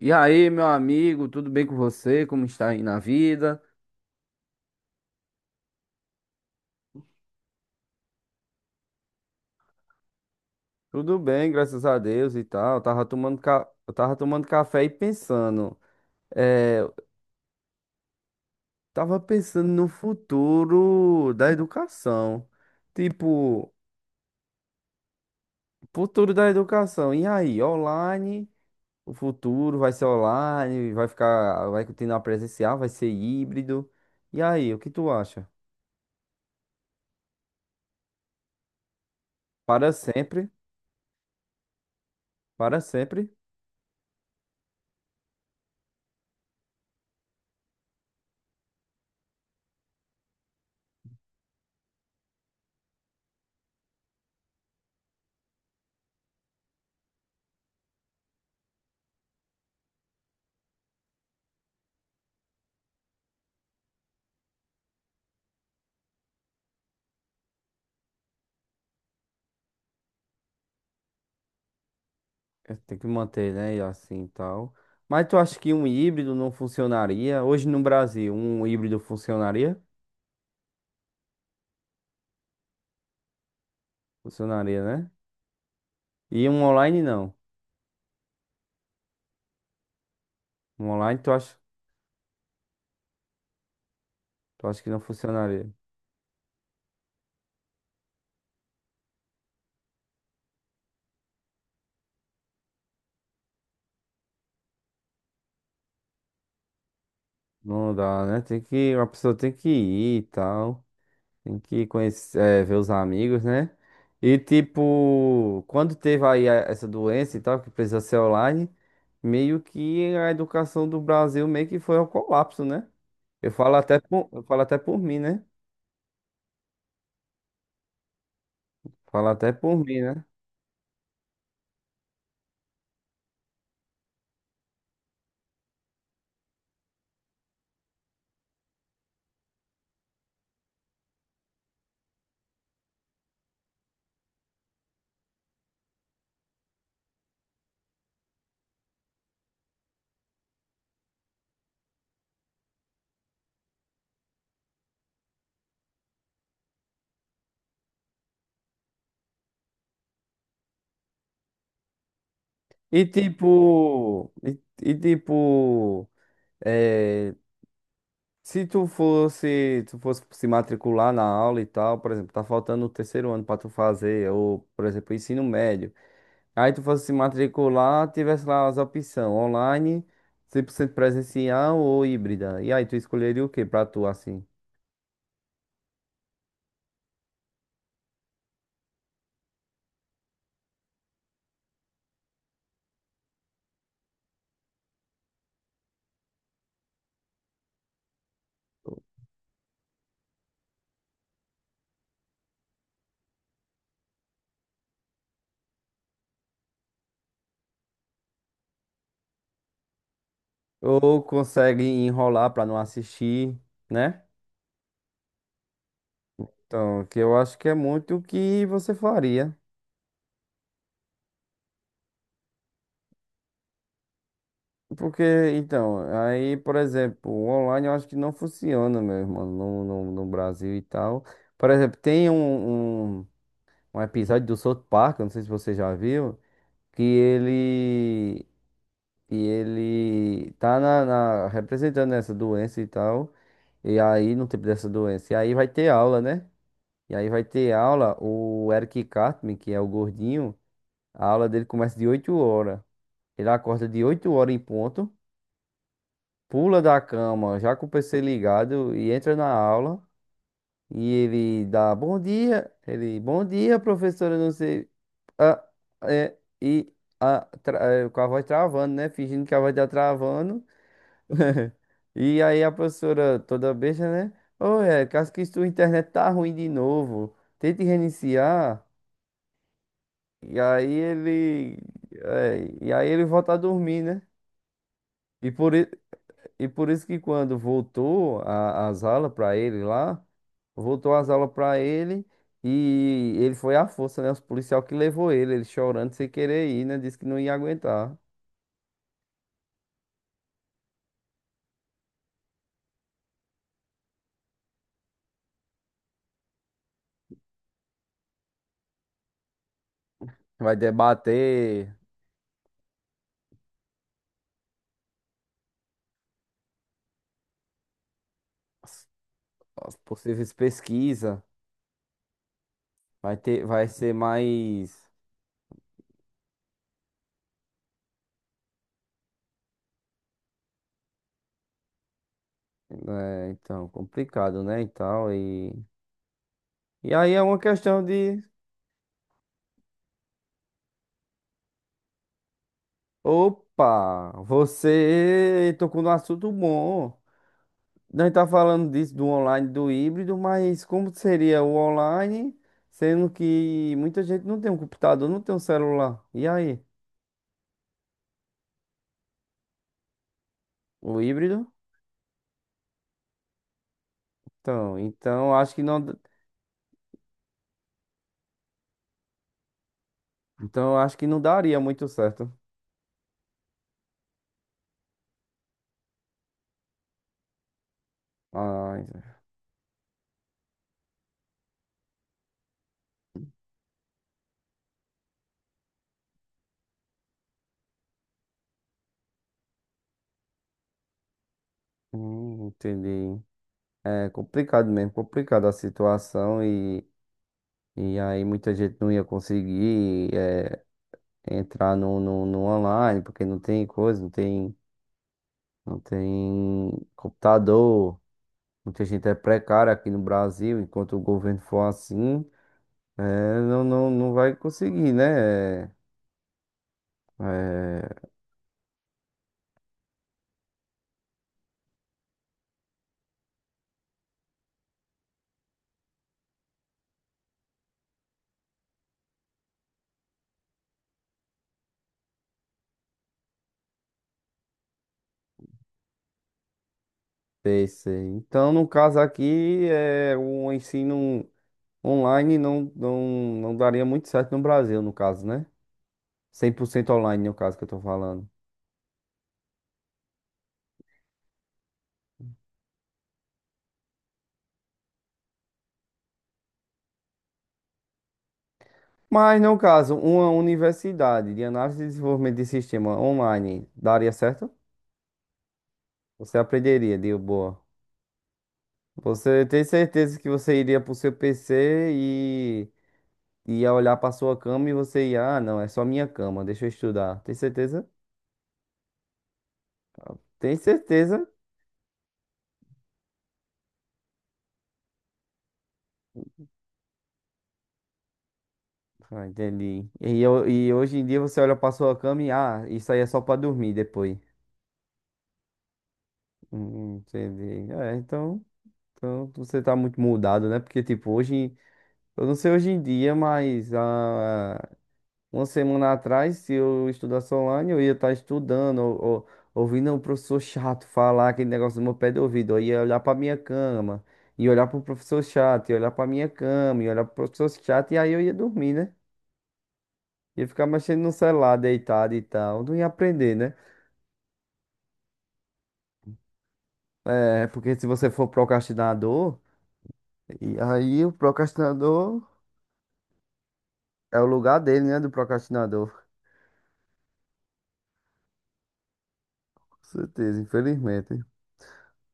E aí, meu amigo, tudo bem com você? Como está aí na vida? Tudo bem, graças a Deus e tal. Eu tava tomando café e pensando. É... eu Tava pensando no futuro da educação. Tipo, futuro da educação. E aí, online? O futuro vai ser online? Vai ficar. Vai continuar presencial? Vai ser híbrido? E aí, o que tu acha? Para sempre? Para sempre? É, tem que manter, né? E assim e tal. Mas tu acha que um híbrido não funcionaria? Hoje no Brasil, um híbrido funcionaria? Funcionaria, né? E um online não. Um online tu acha que não funcionaria? Não dá, né? A pessoa tem que ir e tal. Tem que conhecer, ver os amigos, né? E tipo, quando teve aí essa doença e tal, que precisa ser online, meio que a educação do Brasil meio que foi ao colapso, né? Eu falo até por mim, né? Fala até por mim, né? E tipo, e, e tipo, eh, se tu fosse se matricular na aula e tal, por exemplo, tá faltando o terceiro ano pra tu fazer, ou, por exemplo, ensino médio. Aí tu fosse se matricular, tivesse lá as opções online, 100% presencial ou híbrida. E aí tu escolheria o que pra tu assim? Ou consegue enrolar pra não assistir, né? Então, que eu acho que é muito o que você faria. Porque, então, aí, por exemplo, o online eu acho que não funciona, meu irmão, no Brasil e tal. Por exemplo, tem um episódio do South Park, eu não sei se você já viu, que ele, que ele tá representando essa doença e tal. E aí, no tempo dessa doença, e aí vai ter aula, né? E aí vai ter aula, o Eric Cartman, que é o gordinho, a aula dele começa de 8 horas. Ele acorda de 8 horas em ponto. Pula da cama, já com o PC ligado, e entra na aula. E ele dá bom dia. Ele, bom dia, professora, não sei. Ah, é, e ah, tra- com a voz travando, né? Fingindo que a voz tá travando. E aí a professora toda besta, né? Ô, é, caso que sua internet tá ruim de novo. Tente reiniciar. E aí ele. é, e aí ele volta a dormir, né? E por, i- E por isso que quando voltou as aulas para ele lá, voltou as aulas para ele e ele foi à força, né? Os policial que levou ele, ele chorando sem querer ir, né? Disse que não ia aguentar. Vai debater as, as possíveis pesquisas, vai ser mais, né, então, complicado, né? E tal, e aí é uma questão de. Opa, você tocou no assunto bom. Nós tá falando disso do online, do híbrido, mas como seria o online, sendo que muita gente não tem um computador, não tem um celular. E aí? O híbrido? Então, então acho que não, então acho que não daria muito certo. Ah, entendi. É complicado mesmo, complicada a situação e aí muita gente não ia conseguir entrar no online, porque não tem coisa, não tem computador. Muita gente é precária aqui no Brasil, enquanto o governo for assim, não vai conseguir, né? eh, Ter isso aí. Então, no caso aqui, o ensino online não daria muito certo no Brasil, no caso, né? 100% online, no caso que eu tô falando. Mas, no caso, uma universidade de análise e desenvolvimento de sistema online daria certo? Você aprenderia, de boa. Você tem certeza que você iria pro seu PC e ia olhar pra sua cama e você ia, ah, não, é só minha cama, deixa eu estudar. Tem certeza? Tem certeza? Ah, entendi. E hoje em dia você olha pra sua cama e, ah, isso aí é só pra dormir depois. Entendi. É, então você tá muito mudado, né? Porque, tipo, hoje, eu não sei hoje em dia, mas uma semana atrás, se eu estudasse online, eu ia estar estudando, ou- ouvindo o professor chato falar aquele negócio no meu pé de ouvido. Eu ia olhar para minha cama, e olhar para o professor chato, e olhar para minha cama, e olhar para o professor chato, e aí eu ia dormir, né? Ia ficar mexendo no celular, deitado e tal. Não ia aprender, né? É, porque se você for procrastinador, e aí o procrastinador é o lugar dele, né? Do procrastinador. Com certeza, infelizmente.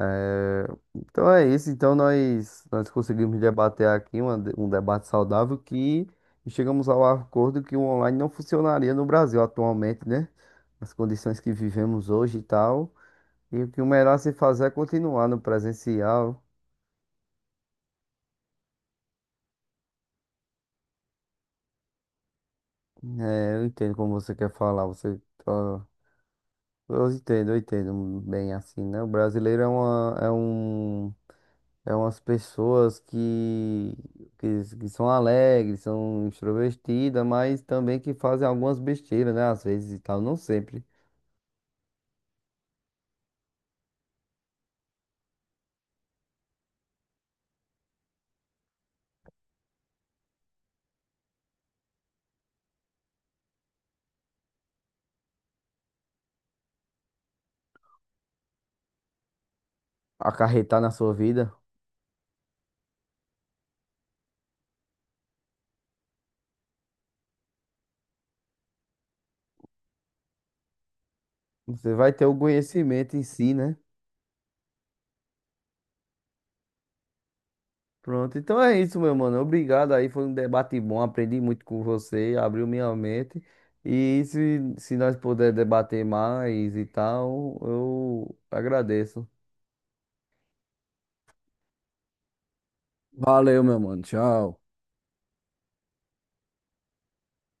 É, então é isso. Então nós conseguimos debater aqui um debate saudável que chegamos ao acordo que o online não funcionaria no Brasil atualmente, né? As condições que vivemos hoje e tal. E o que o melhor a se fazer é continuar no presencial. É, eu entendo como você quer falar. Você, tá- eu entendo bem assim, né? O brasileiro é uma, é um É umas pessoas que são alegres, são extrovertidas, mas também que fazem algumas besteiras, né? Às vezes e tal, não sempre. Acarretar na sua vida. Você vai ter o conhecimento em si, né? Pronto, então é isso, meu mano. Obrigado aí, foi um debate bom, aprendi muito com você, abriu minha mente. E se nós puder debater mais e tal, eu agradeço. Valeu, meu mano. Tchau.